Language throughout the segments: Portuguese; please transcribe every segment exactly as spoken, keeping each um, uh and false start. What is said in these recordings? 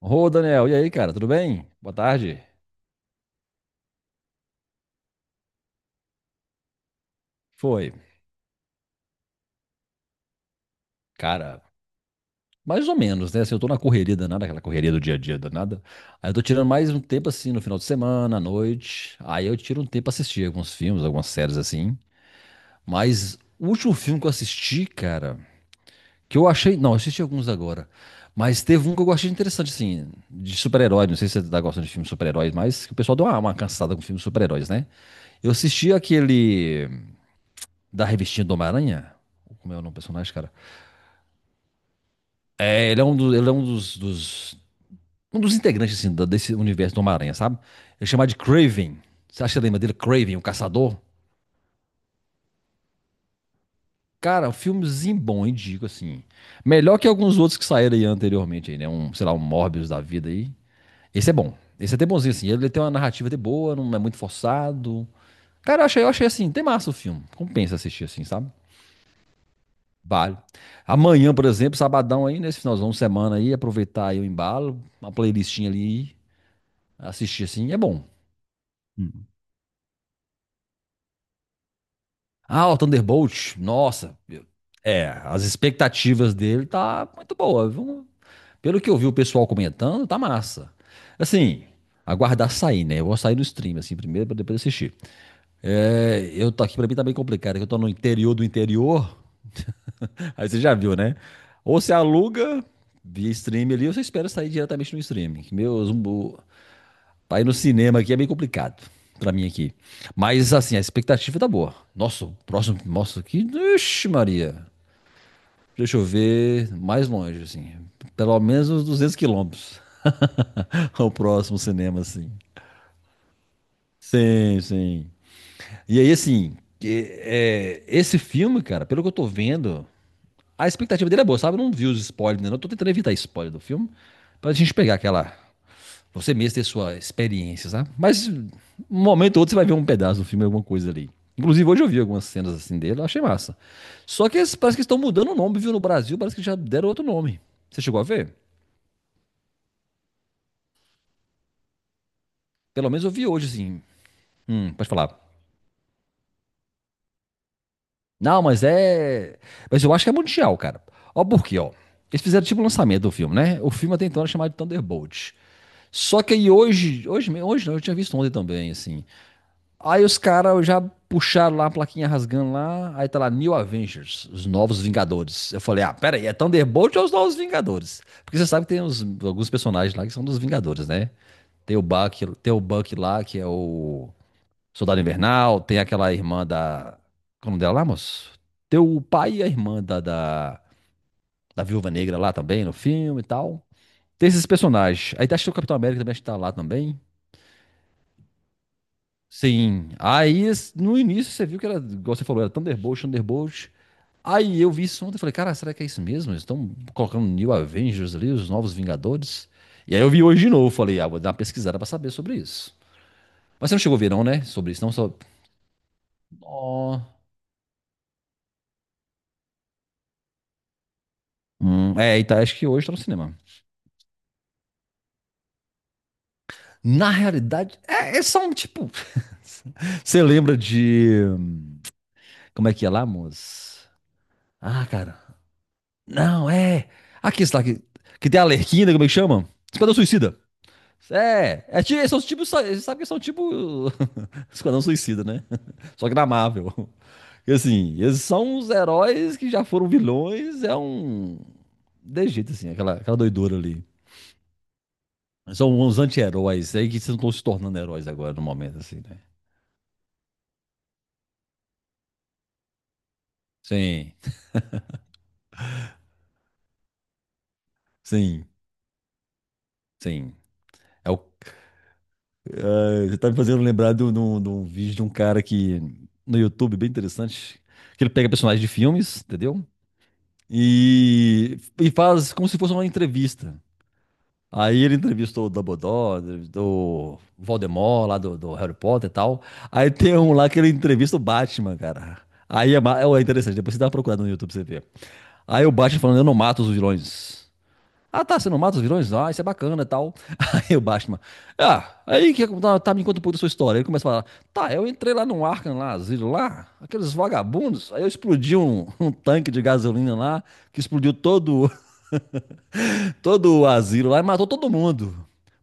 Ô, Daniel, e aí, cara, tudo bem? Boa tarde. Foi. Cara, mais ou menos, né? Assim, eu tô na correria danada, aquela correria do dia a dia danada. Aí eu tô tirando mais um tempo assim no final de semana, à noite. Aí eu tiro um tempo pra assistir alguns filmes, algumas séries assim. Mas o último filme que eu assisti, cara, que eu achei. Não, eu assisti alguns agora. Mas teve um que eu achei interessante, assim, de super-herói. Não sei se você tá gostando de filmes de super-heróis, mas que o pessoal deu uma, uma cansada com filmes de super-heróis, né? Eu assisti aquele. Da revistinha do Homem-Aranha. Como é o nome do personagem, cara? É, ele é um, do- ele é um dos, dos- um dos integrantes assim, da- desse universo do Homem-Aranha, sabe? Ele é chamado de Craven. Você acha que lembra dele? Craven, o caçador? Cara, um filmezinho bom, indico, assim. Melhor que alguns outros que saíram aí anteriormente, aí, né? Um, sei lá, um Morbius da vida aí. Esse é bom. Esse é até bonzinho, assim. Ele tem uma narrativa até boa, não é muito forçado. Cara, eu achei, eu achei assim, tem massa o filme. Compensa assistir, assim, sabe? Vale. Amanhã, por exemplo, sabadão aí, nesse finalzão de semana aí, aproveitar aí o embalo, uma playlistinha ali, assistir assim, é bom. Ah, o Thunderbolt, nossa, eu- é, as expectativas dele tá muito boa, viu? Pelo que eu vi o pessoal comentando, tá massa. Assim, aguardar sair, né? Eu vou sair no stream, assim, primeiro, pra depois assistir. É, eu tô aqui, pra mim tá bem complicado, é que eu tô no interior do interior. Aí você já viu, né? Ou você aluga via stream ali, ou você espera sair diretamente no streaming. Meus, o- pra ir no cinema aqui é meio complicado pra mim aqui. Mas assim, a expectativa tá boa. Nossa, o próximo, nossa, que, ixi Maria. Deixa eu ver mais longe, assim. Pelo menos uns duzentos quilômetros. O próximo cinema, assim. Sim, sim. E aí, assim, que- é, esse filme, cara, pelo que eu tô vendo, a expectativa dele é boa, sabe? Eu não vi os spoilers, né? Eu tô tentando evitar spoiler do filme. Pra gente pegar aquela. Você mesmo ter sua experiência, sabe? Mas um momento ou outro você vai ver um pedaço do filme, alguma coisa ali. Inclusive, hoje eu vi algumas cenas assim dele, eu achei massa. Só que eles- parece que estão mudando o nome, viu? No Brasil, parece que já deram outro nome. Você chegou a ver? Pelo menos eu vi hoje, assim. Hum, pode falar. Não, mas é. Mas eu acho que é mundial, cara. Ó, por quê, ó? Eles fizeram tipo o lançamento do filme, né? O filme até então era chamado de Thunderbolt. Só que aí hoje, hoje, hoje não, eu tinha visto ontem também, assim. Aí os caras já puxaram lá a plaquinha rasgando lá, aí tá lá New Avengers, os Novos Vingadores. Eu falei, ah, pera aí, é Thunderbolt ou os Novos Vingadores? Porque você sabe que tem uns- alguns personagens lá que são dos Vingadores, né? Tem o Buck, tem o Buck lá, que é o Soldado Invernal, tem aquela irmã da... Como é dela lá, moço? Tem o pai e a irmã da, da, da Viúva Negra lá também, no filme e tal. Tem esses personagens. Aí tá, acho que o Capitão América também acho que tá lá também. Sim. Aí, no início, você viu que era, igual você falou, era Thunderbolt, Thunderbolt. Aí eu vi isso ontem e falei, cara, será que é isso mesmo? Eles estão colocando New Avengers ali, os Novos Vingadores. E aí eu vi hoje de novo, falei, ah, vou dar uma pesquisada pra saber sobre isso. Mas você não chegou a ver não, né? Sobre isso, não só... Ó. Hum, é, e tá, acho que hoje tá no cinema. Na realidade, é, é só um tipo... Você lembra de... Como é que é lá, moço? Ah, cara. Não, é... Aqui, está, que, que tem a Arlequina, como é que chama? Esquadrão Suicida. É, é, ti- são os tipos, você sabe que são tipo Esquadrão Suicida, né? Só que na Marvel. E assim, eles são os heróis que já foram vilões, é um... De jeito, assim, aquela, aquela doidura ali. São uns anti-heróis aí que estão se tornando heróis agora, no momento, assim, né? Sim, sim, sim. É o- é, você tá me fazendo lembrar de um de um- de um vídeo de um cara que... No YouTube, bem interessante. Que ele pega personagens de filmes, entendeu? E, e faz como se fosse uma entrevista. Aí ele entrevistou o Dumbledore, entrevistou o Voldemort lá do, do Harry Potter e tal. Aí tem um lá que ele entrevista o Batman, cara. Aí é, ma- é é interessante, depois você dá uma procurada no YouTube pra você ver. Aí o Batman falando, eu não mato os vilões. Ah tá, você não mata os vilões? Ah, isso é bacana e tal. Aí o Batman, ah, aí que tá, tá, me conta um pouco da sua história. Ele começa a falar, tá, eu entrei lá no Arkham, lá, asilo lá, aqueles vagabundos, aí eu explodi um, um tanque de gasolina lá, que explodiu todo todo o asilo lá e matou todo mundo.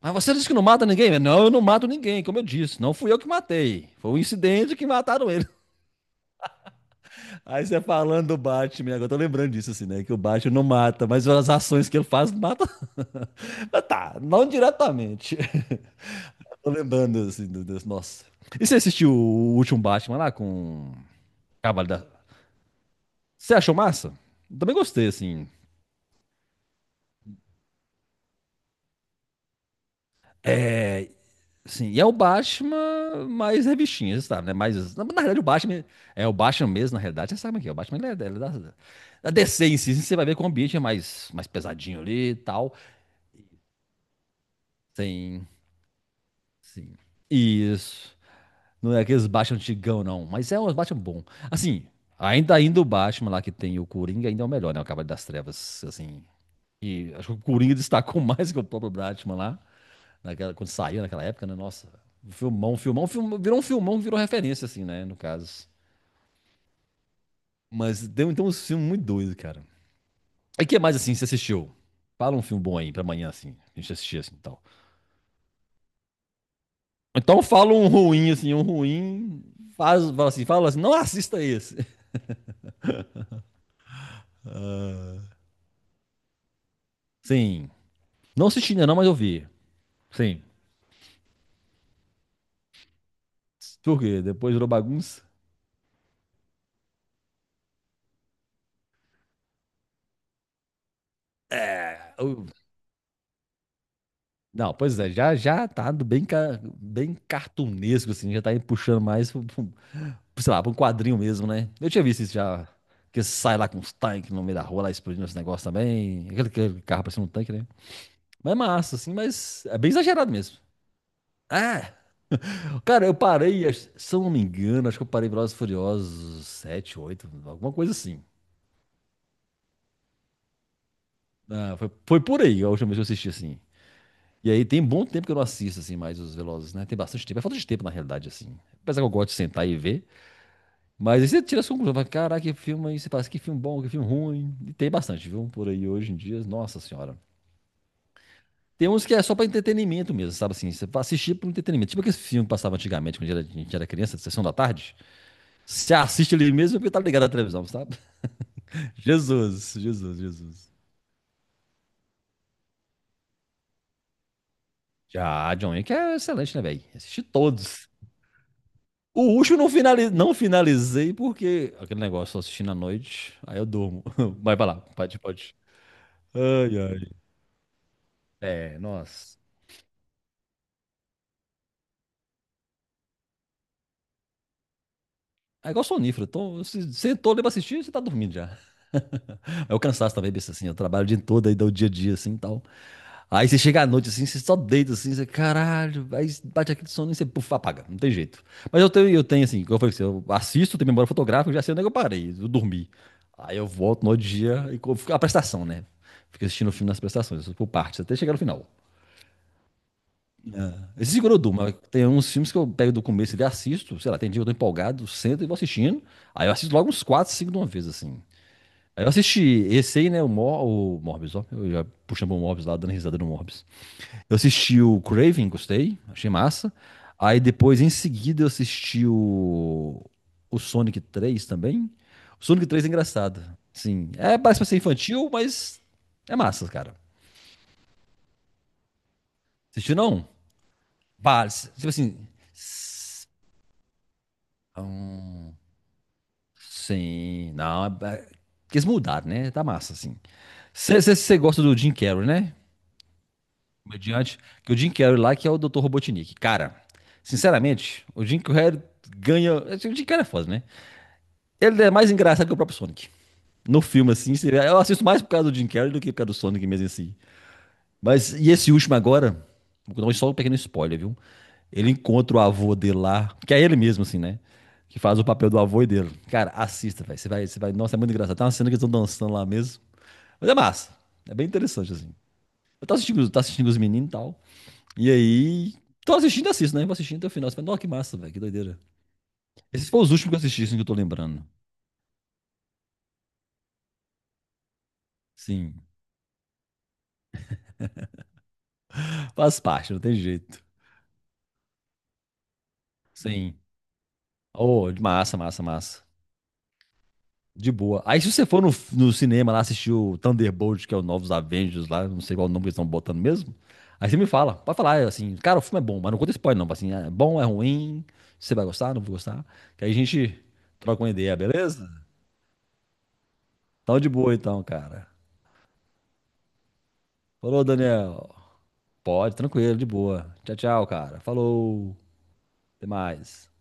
Mas você disse que não mata ninguém? Não, eu não mato ninguém, como eu disse. Não fui eu que matei. Foi um incidente que mataram ele. Aí você falando do Batman, agora eu tô lembrando disso, assim, né? Que o Batman não mata, mas as ações que ele faz matam. Mas tá, não diretamente. Tô lembrando, assim, do, do- nossa. E você assistiu o último Batman lá com. Cavalo da. Você achou massa? Também gostei, assim. É, sim, e é o Batman mais revistinha, você sabe, né? Mais, na na realidade, o Batman é o Batman mesmo, na realidade, você sabe que é. O Batman ele é, ele é da, da D C em si, você vai ver que o ambiente é mais, mais pesadinho ali e tal. Tem, sim. Isso. Não é aqueles Batman antigão, não, mas é um Batman bom. Assim, ainda ainda o Batman lá que tem o Coringa ainda é o melhor, né? O Cavaleiro das Trevas, assim. E acho que o Coringa destacou mais que o próprio Batman lá. Naquela, quando saiu naquela época, né? Nossa, um filmão, um filmão, um filmão, virou um filmão que virou referência, assim, né? No caso. Mas deu então um filme muito doido, cara. E o que mais, assim, você assistiu? Fala um filme bom aí pra amanhã, assim. A gente assistir, assim, tal. Então fala um ruim, assim, um ruim. Faz, fala assim, fala assim, não assista esse. Sim. Não assisti ainda não, mas eu vi. Sim. Por quê? Depois virou bagunça? É. eu- Não, pois é, já, já tá do bem, ca- bem cartunesco, assim, já tá aí puxando mais pro, pro- sei lá, pra um quadrinho mesmo, né? Eu tinha visto isso já. Que sai lá com uns tanques no meio da rua, lá explodindo esse negócio também. Aquele, aquele carro parecendo um tanque, né? Mas é massa, assim, mas é bem exagerado mesmo. Ah, cara, eu parei, acho- se eu não me engano, acho que eu parei Velozes e Furiosos sete oito alguma coisa assim. Ah, foi, foi por aí a última vez que eu assisti, assim. E aí tem bom tempo que eu não assisto, assim, mais os Velozes, né? Tem bastante tempo, é falta de tempo, na realidade, assim. Apesar que eu gosto de sentar e ver. Mas aí você tira a sua fala, caraca, que filme aí, você fala, assim, que filme bom, que filme ruim. E tem bastante, viu? Por aí hoje em dia, nossa senhora. Tem uns que é só pra entretenimento mesmo, sabe assim? Você vai assistir por entretenimento. Tipo aqueles filmes que passavam antigamente, quando a gente era a gente era criança, de sessão da tarde. Você assiste ali mesmo porque tá ligado à televisão, sabe? Jesus, Jesus, Jesus. Já, John Wick é excelente, né, velho? Assisti todos. O último eu não, finali- não finalizei porque aquele negócio, só assistindo à noite, aí eu durmo. Vai pra lá, pode, pode. Ai, ai. É, nossa. É igual sonífero. Então, se sentou ali pra assistir, você tá dormindo já. É o cansaço também, besta assim. Eu trabalho o dia todo aí, dá o dia a dia assim e tal. Aí você chega à noite assim, você só deita assim, você, caralho, aí bate aquele sono e você puf, apaga, não tem jeito. Mas eu tenho, eu tenho assim, como eu falei, pra você, eu assisto, tenho memória fotográfica, eu já sei onde é que eu parei, eu dormi. Aí eu volto no outro dia e co- a prestação, né? Fico assistindo o filme nas prestações, por partes, até chegar no final. Esse Zigorodum, mas tem uns filmes que eu pego do começo e assisto, sei lá, tem dia que eu tô empolgado, sento e vou assistindo. Aí eu assisto logo uns quatro cinco de uma vez, assim. Aí eu assisti esse aí, né, o, Mor o Morbius, ó, eu já puxando o Morbius lá, dando risada no Morbius. Eu assisti o Craven, gostei, achei massa. Aí depois, em seguida, eu assisti o, o Sonic três também. O Sonic três é engraçado, sim. É, parece pra ser infantil, mas é massa, cara. Assistiu não? Pá, tipo assim... s- hum, sim, não. é- é- eles mudaram, né? Tá massa, assim. Você gosta do Jim Carrey, né? Comediante. Que o Jim Carrey lá, que é o doutor Robotnik. Cara, sinceramente, o Jim Carrey ganha. O Jim Carrey é foda, né? Ele é mais engraçado que o próprio Sonic. No filme, assim, você- eu assisto mais por causa do Jim Carrey do que por causa do Sonic mesmo assim. Mas, e esse último agora, vou dar só um pequeno spoiler, viu? Ele encontra o avô dele lá, que é ele mesmo, assim, né? Que faz o papel do avô e dele. Cara, assista, velho. Você vai, você vai. Nossa, é muito engraçado. Tem uma cena que eles estão dançando lá mesmo. Mas é massa. É bem interessante, assim. Eu tô assistindo, tô assistindo os meninos e tal. E aí. Tô assistindo e assisto, né? Vou assistindo até o final. Você fala, nossa, que massa, velho. Que doideira. Esses foram os últimos que eu assisti, assim, que eu tô lembrando. Sim. Faz parte, não tem jeito. Sim. Oh, massa, massa, massa. De boa. Aí se você for no, no cinema lá assistir o Thunderbolt, que é o Novos Avengers lá, não sei qual nome que eles estão botando mesmo. Aí você me fala, pode falar, é assim, cara, o filme é bom, mas não conta spoiler não, assim, é bom, é ruim, você vai gostar, não vou gostar. Que aí a gente troca uma ideia, beleza? Então de boa então, cara. Falou, Daniel. Pode, tranquilo, de boa. Tchau, tchau, cara. Falou. Até mais.